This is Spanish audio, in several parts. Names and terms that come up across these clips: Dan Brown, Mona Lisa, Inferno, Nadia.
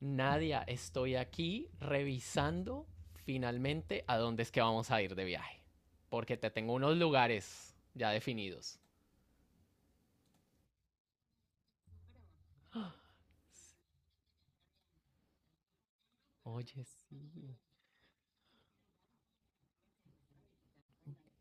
Nadia, estoy aquí revisando finalmente a dónde es que vamos a ir de viaje. Porque te tengo unos lugares ya definidos. ¡Ah! Oye, sí.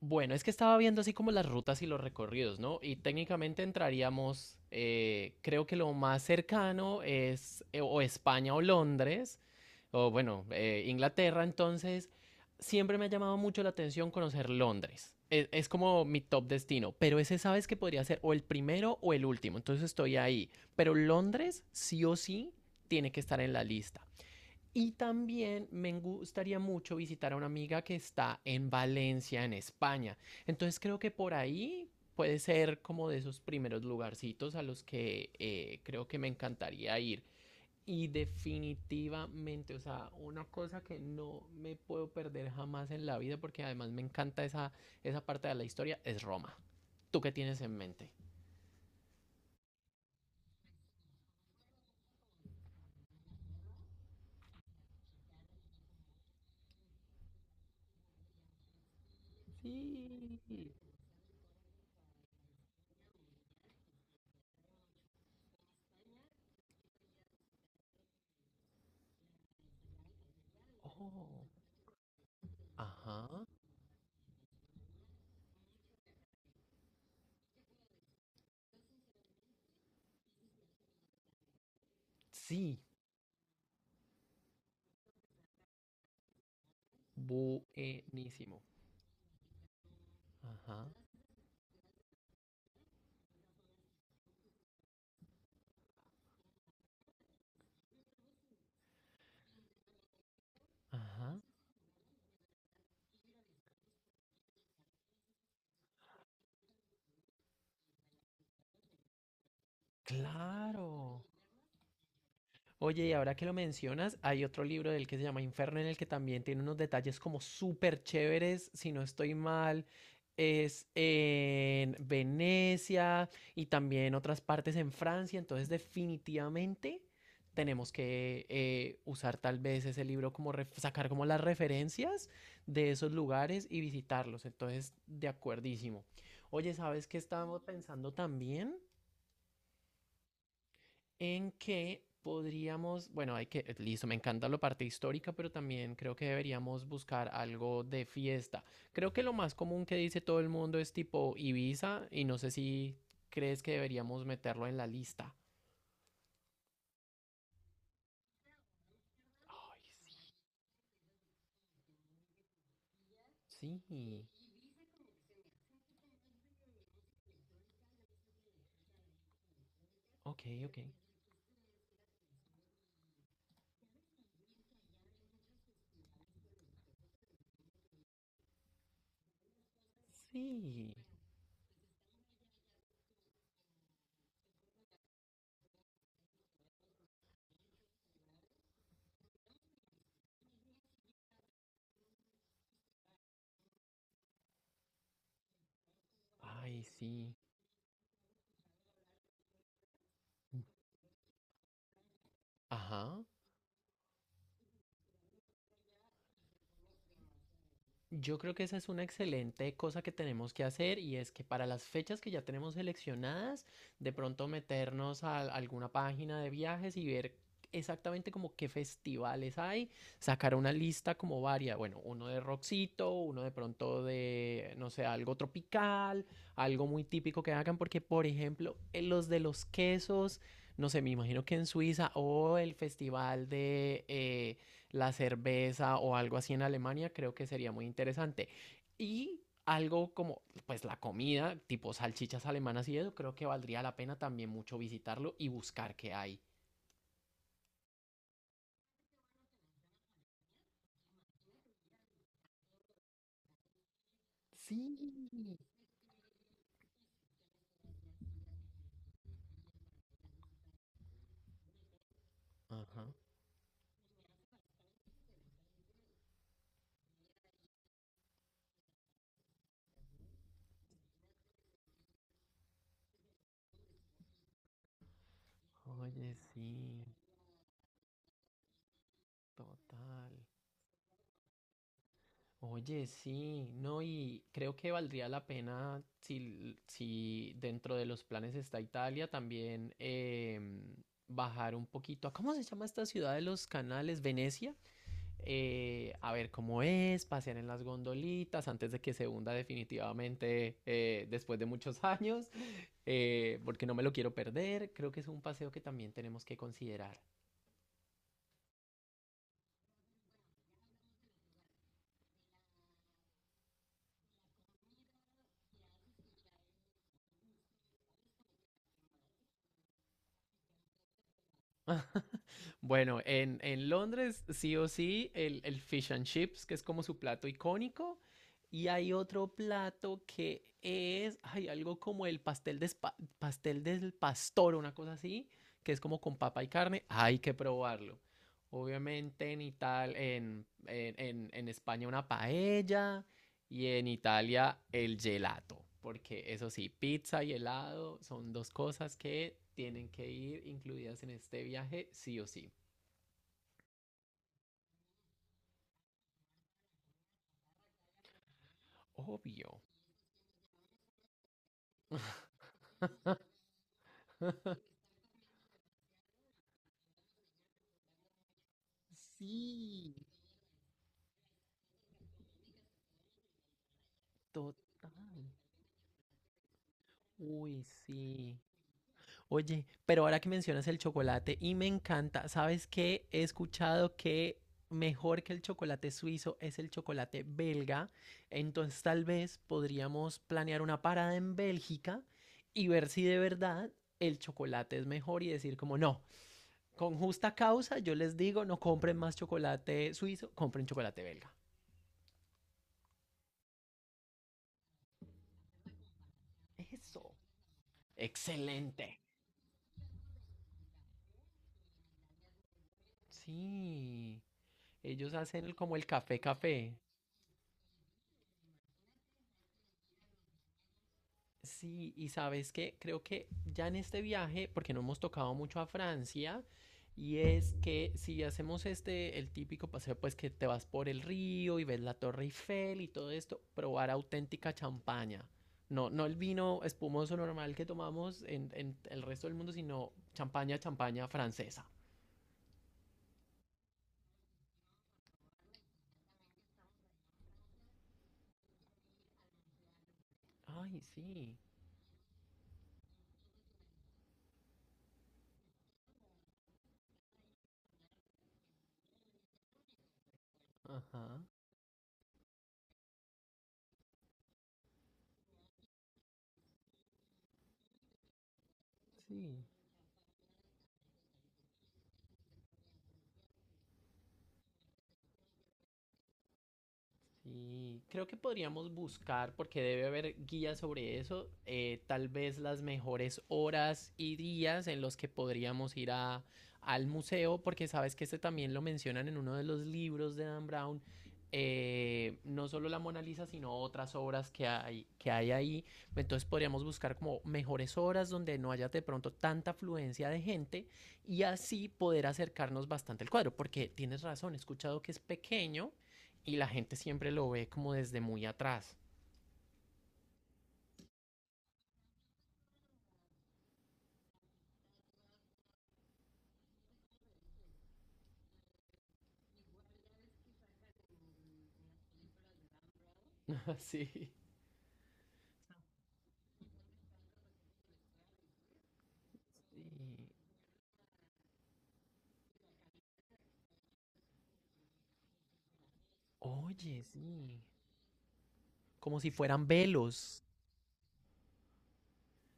Bueno, es que estaba viendo así como las rutas y los recorridos, ¿no? Y técnicamente entraríamos, creo que lo más cercano es o España o Londres. O bueno, Inglaterra. Entonces siempre me ha llamado mucho la atención conocer Londres. Es como mi top destino, pero ese sabes que podría ser o el primero o el último, entonces estoy ahí. Pero Londres sí o sí tiene que estar en la lista. Y también me gustaría mucho visitar a una amiga que está en Valencia, en España. Entonces creo que por ahí puede ser como de esos primeros lugarcitos a los que creo que me encantaría ir. Y definitivamente, o sea, una cosa que no me puedo perder jamás en la vida, porque además me encanta esa, esa parte de la historia, es Roma. ¿Tú qué tienes en mente? Sí. Oh, ajá. Sí, buenísimo. Ajá, ajá. Claro. Oye, y ahora que lo mencionas, hay otro libro del que se llama Inferno en el que también tiene unos detalles como súper chéveres, si no estoy mal, es en Venecia y también otras partes en Francia, entonces definitivamente tenemos que usar tal vez ese libro como sacar como las referencias de esos lugares y visitarlos, entonces de acuerdísimo. Oye, ¿sabes qué estábamos pensando también? En que podríamos, bueno, hay que, listo, me encanta la parte histórica, pero también creo que deberíamos buscar algo de fiesta. Creo que lo más común que dice todo el mundo es tipo Ibiza y no sé si crees que deberíamos meterlo en la lista. Ay, sí. Sí, ok, ok. Sí. Ay, sí. Ajá. Yo creo que esa es una excelente cosa que tenemos que hacer y es que para las fechas que ya tenemos seleccionadas, de pronto meternos a alguna página de viajes y ver exactamente como qué festivales hay, sacar una lista como varia, bueno, uno de rockcito, uno de pronto de, no sé, algo tropical, algo muy típico que hagan, porque por ejemplo, en los de los quesos, no sé, me imagino que en Suiza o el festival de... la cerveza o algo así en Alemania, creo que sería muy interesante. Y algo como, pues la comida, tipo salchichas alemanas y eso, creo que valdría la pena también mucho visitarlo y buscar qué hay. Sí. Ajá. Oye, sí, total. Oye, sí, no, y creo que valdría la pena si, si dentro de los planes está Italia también bajar un poquito a, ¿cómo se llama esta ciudad de los canales? ¿Venecia? A ver cómo es, pasear en las gondolitas antes de que se hunda definitivamente después de muchos años, porque no me lo quiero perder. Creo que es un paseo que también tenemos que considerar. Bueno, en Londres, sí o sí, el fish and chips, que es como su plato icónico. Y hay otro plato que es, hay algo como el pastel, de pastel del pastor, una cosa así, que es como con papa y carne. Hay que probarlo. Obviamente en Italia, en España una paella y en Italia el gelato. Porque eso sí, pizza y helado son dos cosas que tienen que ir incluidas en este viaje, sí o sí. Obvio. Sí, total. Uy, sí. Oye, pero ahora que mencionas el chocolate y me encanta, ¿sabes qué? He escuchado que mejor que el chocolate suizo es el chocolate belga. Entonces tal vez podríamos planear una parada en Bélgica y ver si de verdad el chocolate es mejor y decir como no, con justa causa yo les digo no compren más chocolate suizo, compren chocolate belga. Eso. Excelente. Sí, ellos hacen como el café café. Sí, y sabes qué, creo que ya en este viaje, porque no hemos tocado mucho a Francia, y es que si hacemos este, el típico paseo, pues que te vas por el río y ves la Torre Eiffel y todo esto, probar auténtica champaña. No, no el vino espumoso normal que tomamos en el resto del mundo, sino champaña, champaña francesa. Ay, sí. Ajá. Sí. Sí, creo que podríamos buscar, porque debe haber guías sobre eso, tal vez las mejores horas y días en los que podríamos ir a, al museo, porque sabes que este también lo mencionan en uno de los libros de Dan Brown, no solo la Mona Lisa, sino otras obras que hay ahí. Entonces podríamos buscar como mejores horas donde no haya de pronto tanta afluencia de gente y así poder acercarnos bastante al cuadro, porque tienes razón, he escuchado que es pequeño y la gente siempre lo ve como desde muy atrás. Sí. Sí. Oye, sí. Como si fueran velos.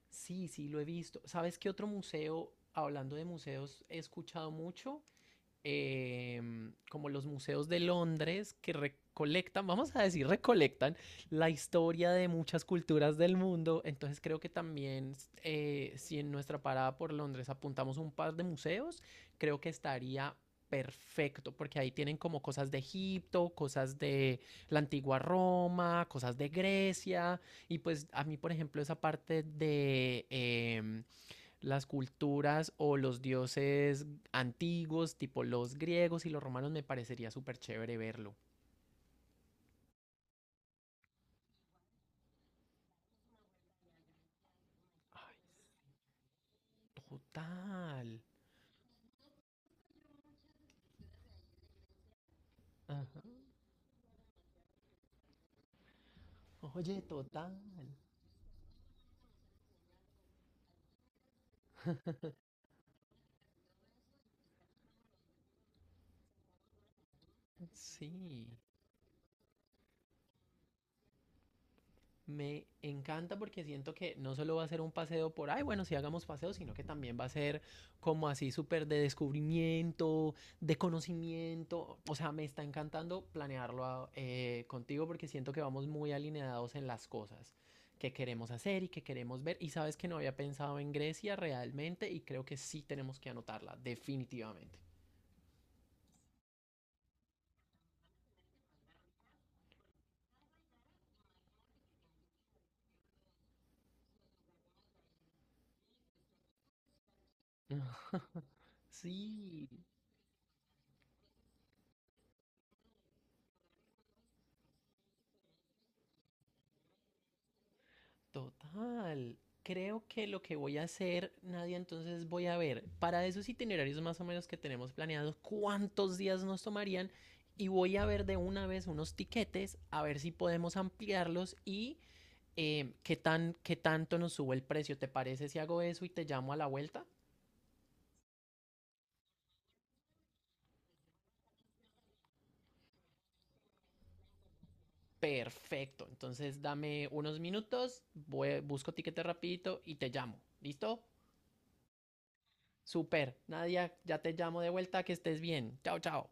Sí, sí, lo he visto. ¿Sabes qué otro museo, hablando de museos, he escuchado mucho? Como los museos de Londres que recolectan, vamos a decir, recolectan la historia de muchas culturas del mundo. Entonces creo que también si en nuestra parada por Londres apuntamos un par de museos, creo que estaría perfecto, porque ahí tienen como cosas de Egipto, cosas de la antigua Roma, cosas de Grecia, y pues a mí, por ejemplo, esa parte de las culturas o los dioses antiguos, tipo los griegos y los romanos, me parecería súper chévere verlo. Total. Ajá. Oye, total. Sí. Me encanta porque siento que no solo va a ser un paseo por, ay, bueno, si hagamos paseo, sino que también va a ser como así súper de descubrimiento, de conocimiento. O sea, me está encantando planearlo contigo porque siento que vamos muy alineados en las cosas que queremos hacer y que queremos ver. Y sabes que no había pensado en Grecia realmente y creo que sí tenemos que anotarla, definitivamente. Sí. Total. Creo que lo que voy a hacer, Nadia, entonces voy a ver para esos itinerarios más o menos que tenemos planeados cuántos días nos tomarían y voy a ver de una vez unos tiquetes a ver si podemos ampliarlos y qué tan, qué tanto nos sube el precio. ¿Te parece si hago eso y te llamo a la vuelta? Perfecto. Entonces dame unos minutos, busco tiquete rapidito y te llamo. ¿Listo? Super. Nadia, ya te llamo de vuelta, que estés bien. Chao, chao.